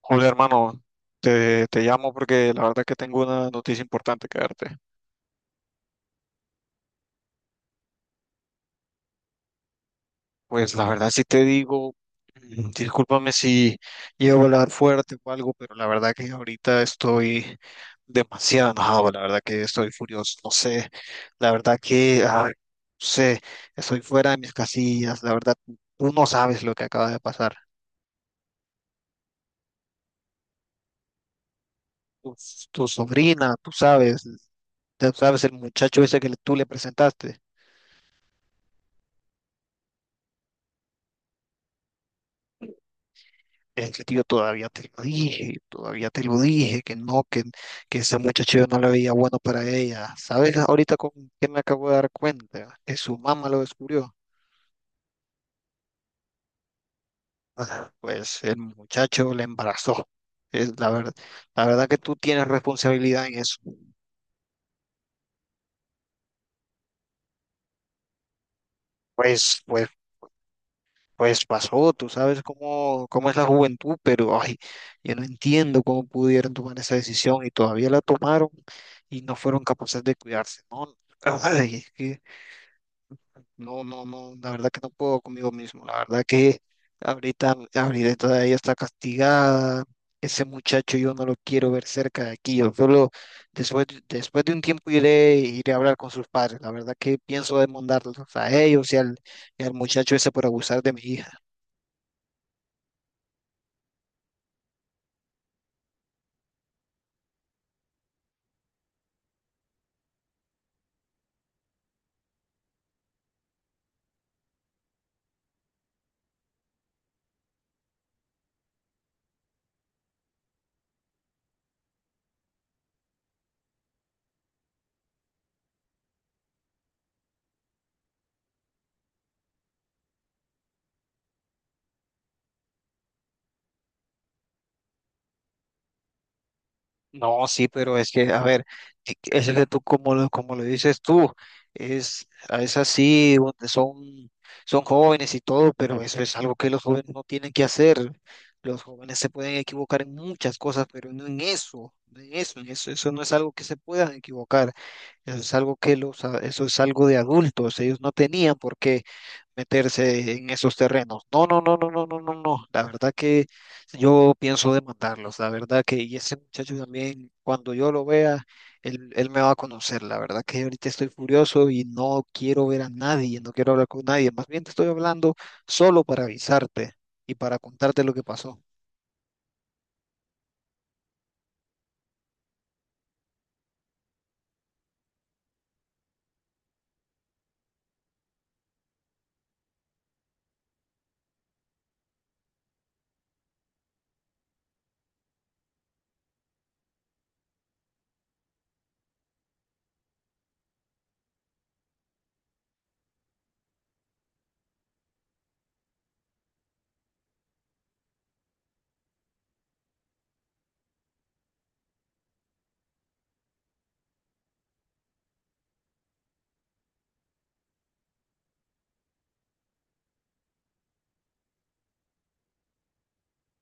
Hola, hermano, te llamo porque la verdad que tengo una noticia importante que darte. Pues la verdad si te digo, discúlpame si llevo a hablar fuerte o algo, pero la verdad que ahorita estoy demasiado enojado, la verdad que estoy furioso, no sé, la verdad que, no sé, estoy fuera de mis casillas, la verdad, tú no sabes lo que acaba de pasar. Tu, tu sobrina, tú sabes el muchacho ese tú le presentaste. Es que, tío, todavía te lo dije, todavía te lo dije, que no, que ese muchacho yo no le veía bueno para ella. ¿Sabes ahorita con qué me acabo de dar cuenta? Que su mamá lo descubrió. Pues el muchacho le embarazó. Es la verdad que tú tienes responsabilidad en eso. Pues, pues, pues pasó, tú sabes cómo es la juventud, pero ay, yo no entiendo cómo pudieron tomar esa decisión y todavía la tomaron y no fueron capaces de cuidarse. No, ay, es que no, no, no, la verdad que no puedo conmigo mismo, la verdad que ahorita Abril todavía está castigada, ese muchacho yo no lo quiero ver cerca de aquí, yo solo después, después de un tiempo iré a hablar con sus padres, la verdad que pienso demandarlos a ellos y al muchacho ese por abusar de mi hija. No, sí, pero es que, a ver, es que tú, como lo dices tú, es, es así, son jóvenes y todo, pero eso es algo que los jóvenes no tienen que hacer. Los jóvenes se pueden equivocar en muchas cosas, pero no en eso, no en eso, en eso, eso no es algo que se puedan equivocar. Eso es algo que eso es algo de adultos. Ellos no tenían por qué meterse en esos terrenos. No, no, no, no, no, no, no, no. La verdad que yo pienso demandarlos. La verdad que, y ese muchacho también, cuando yo lo vea, él me va a conocer. La verdad que ahorita estoy furioso y no quiero ver a nadie, no quiero hablar con nadie. Más bien te estoy hablando solo para avisarte y para contarte lo que pasó.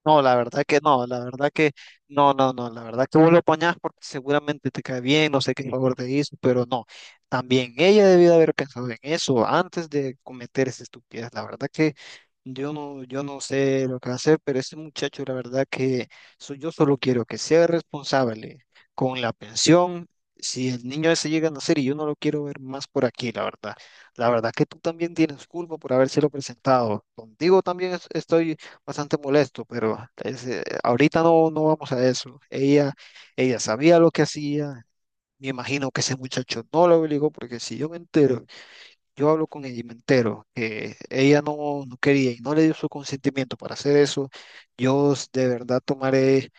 No, la verdad que no, la verdad que no, no, no, la verdad que vos lo apañás porque seguramente te cae bien, no sé qué favor te hizo, pero no, también ella debió haber pensado en eso antes de cometer esa estupidez, la verdad que yo no, yo no sé lo que va a hacer, pero ese muchacho, la verdad que yo solo quiero que sea responsable con la pensión, si el niño ese llega a nacer y yo no lo quiero ver más por aquí, la verdad que tú también tienes culpa por habérselo presentado, contigo también estoy bastante molesto, pero es, ahorita no, no vamos a eso. Ella sabía lo que hacía. Me imagino que ese muchacho no lo obligó, porque si yo me entero, yo hablo con ella y me entero que ella no, no quería y no le dio su consentimiento para hacer eso, de verdad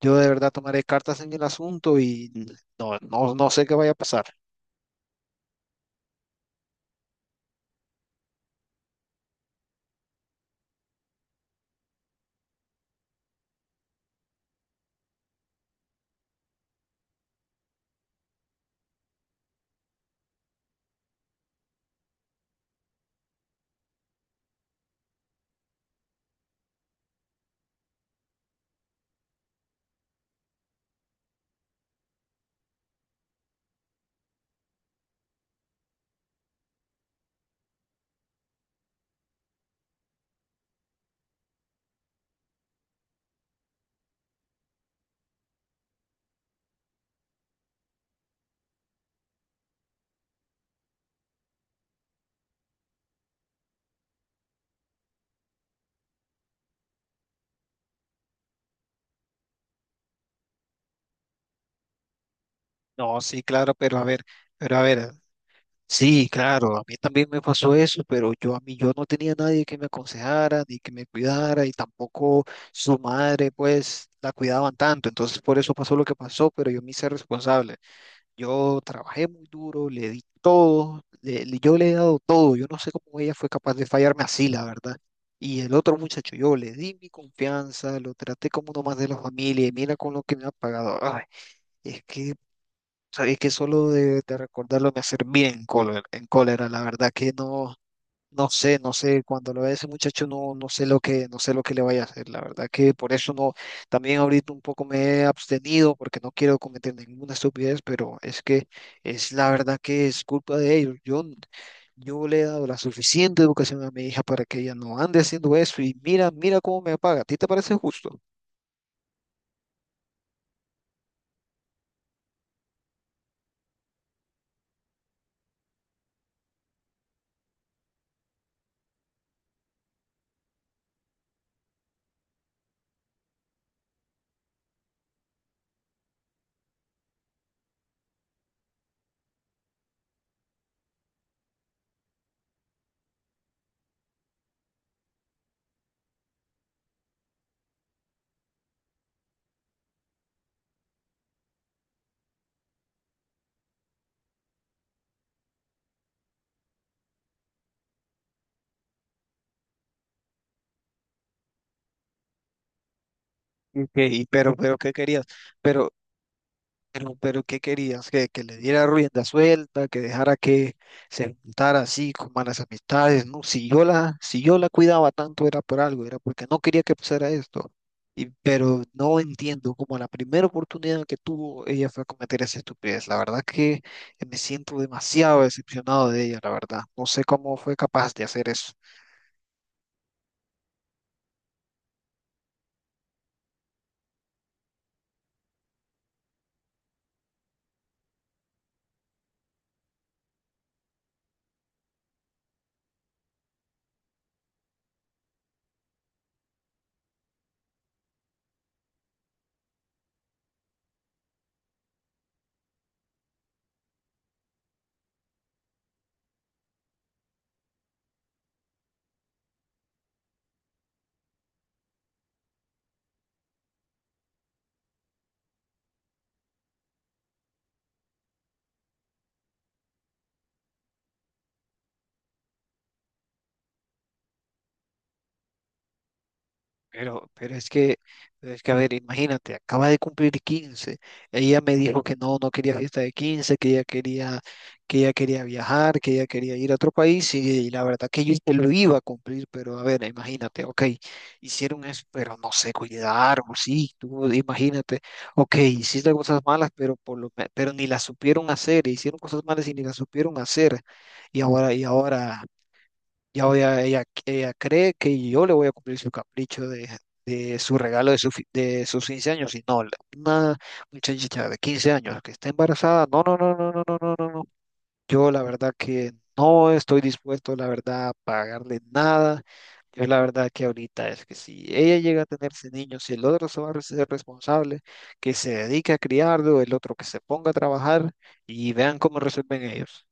yo de verdad tomaré cartas en el asunto y no, no, no sé qué vaya a pasar. No, sí, claro, pero a ver, pero a ver. Sí, claro, a mí también me pasó eso, pero yo a mí yo no tenía nadie que me aconsejara ni que me cuidara y tampoco su madre pues la cuidaban tanto, entonces por eso pasó lo que pasó, pero yo me hice responsable. Yo trabajé muy duro, le di todo, yo le he dado todo, yo no sé cómo ella fue capaz de fallarme así, la verdad. Y el otro muchacho, yo le di mi confianza, lo traté como uno más de la familia y mira con lo que me ha pagado. Ay, es que sabéis que solo de recordarlo me hace bien cólera, en cólera, la verdad que no, no sé, no sé, cuando lo vea ese muchacho no, no sé lo que, no sé lo que le vaya a hacer, la verdad que por eso no, también ahorita un poco me he abstenido porque no quiero cometer ninguna estupidez, pero es que es la verdad que es culpa de ellos, yo le he dado la suficiente educación a mi hija para que ella no ande haciendo eso y mira, mira cómo me paga, ¿a ti te parece justo? Ok, pero ¿qué querías? Pero pero ¿qué querías? Que le diera rienda suelta, que dejara que se juntara así con malas amistades, ¿no? Si yo la, si yo la cuidaba tanto era por algo, era porque no quería que pasara esto. Y, pero no entiendo cómo a la primera oportunidad que tuvo ella fue a cometer esa estupidez. La verdad que me siento demasiado decepcionado de ella, la verdad. No sé cómo fue capaz de hacer eso. Pero, pero es que, pero es que, a ver, imagínate, acaba de cumplir quince. Ella me dijo que no, no quería fiesta de quince, que ella quería viajar, que ella quería ir a otro país, y la verdad que yo te lo iba a cumplir, pero a ver, imagínate, ok, hicieron eso, pero no se cuidaron, sí, tú imagínate, ok, hiciste cosas malas, pero pero ni las supieron hacer, hicieron cosas malas y ni las supieron hacer, y ahora, y ahora. Ella, ella cree que yo le voy a cumplir su capricho de su regalo de, de sus 15 años. Y no, la- una muchacha de 15 años que está embarazada. No, no, no, no, no, no, no, no, no. Yo la verdad que no estoy dispuesto, la verdad, a pagarle nada. Yo la verdad que ahorita es que si ella llega a tener ese niño, si el otro se va a ser responsable, que se dedique a criarlo, el otro que se ponga a trabajar y vean cómo resuelven ellos.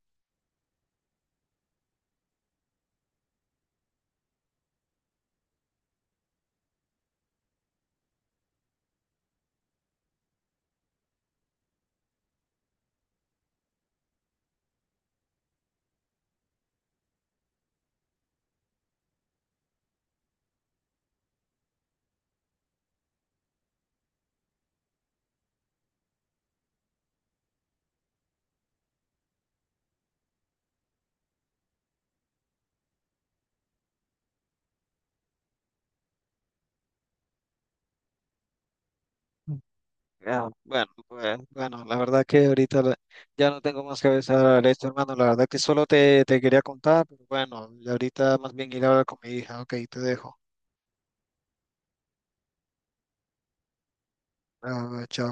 Ya, bueno, pues, bueno, la verdad que ahorita ya no tengo más que avisar a esto, hermano. La verdad que solo te quería contar, pero bueno, y ahorita más bien ir a hablar con mi hija. Ok, te dejo. Ah, chao.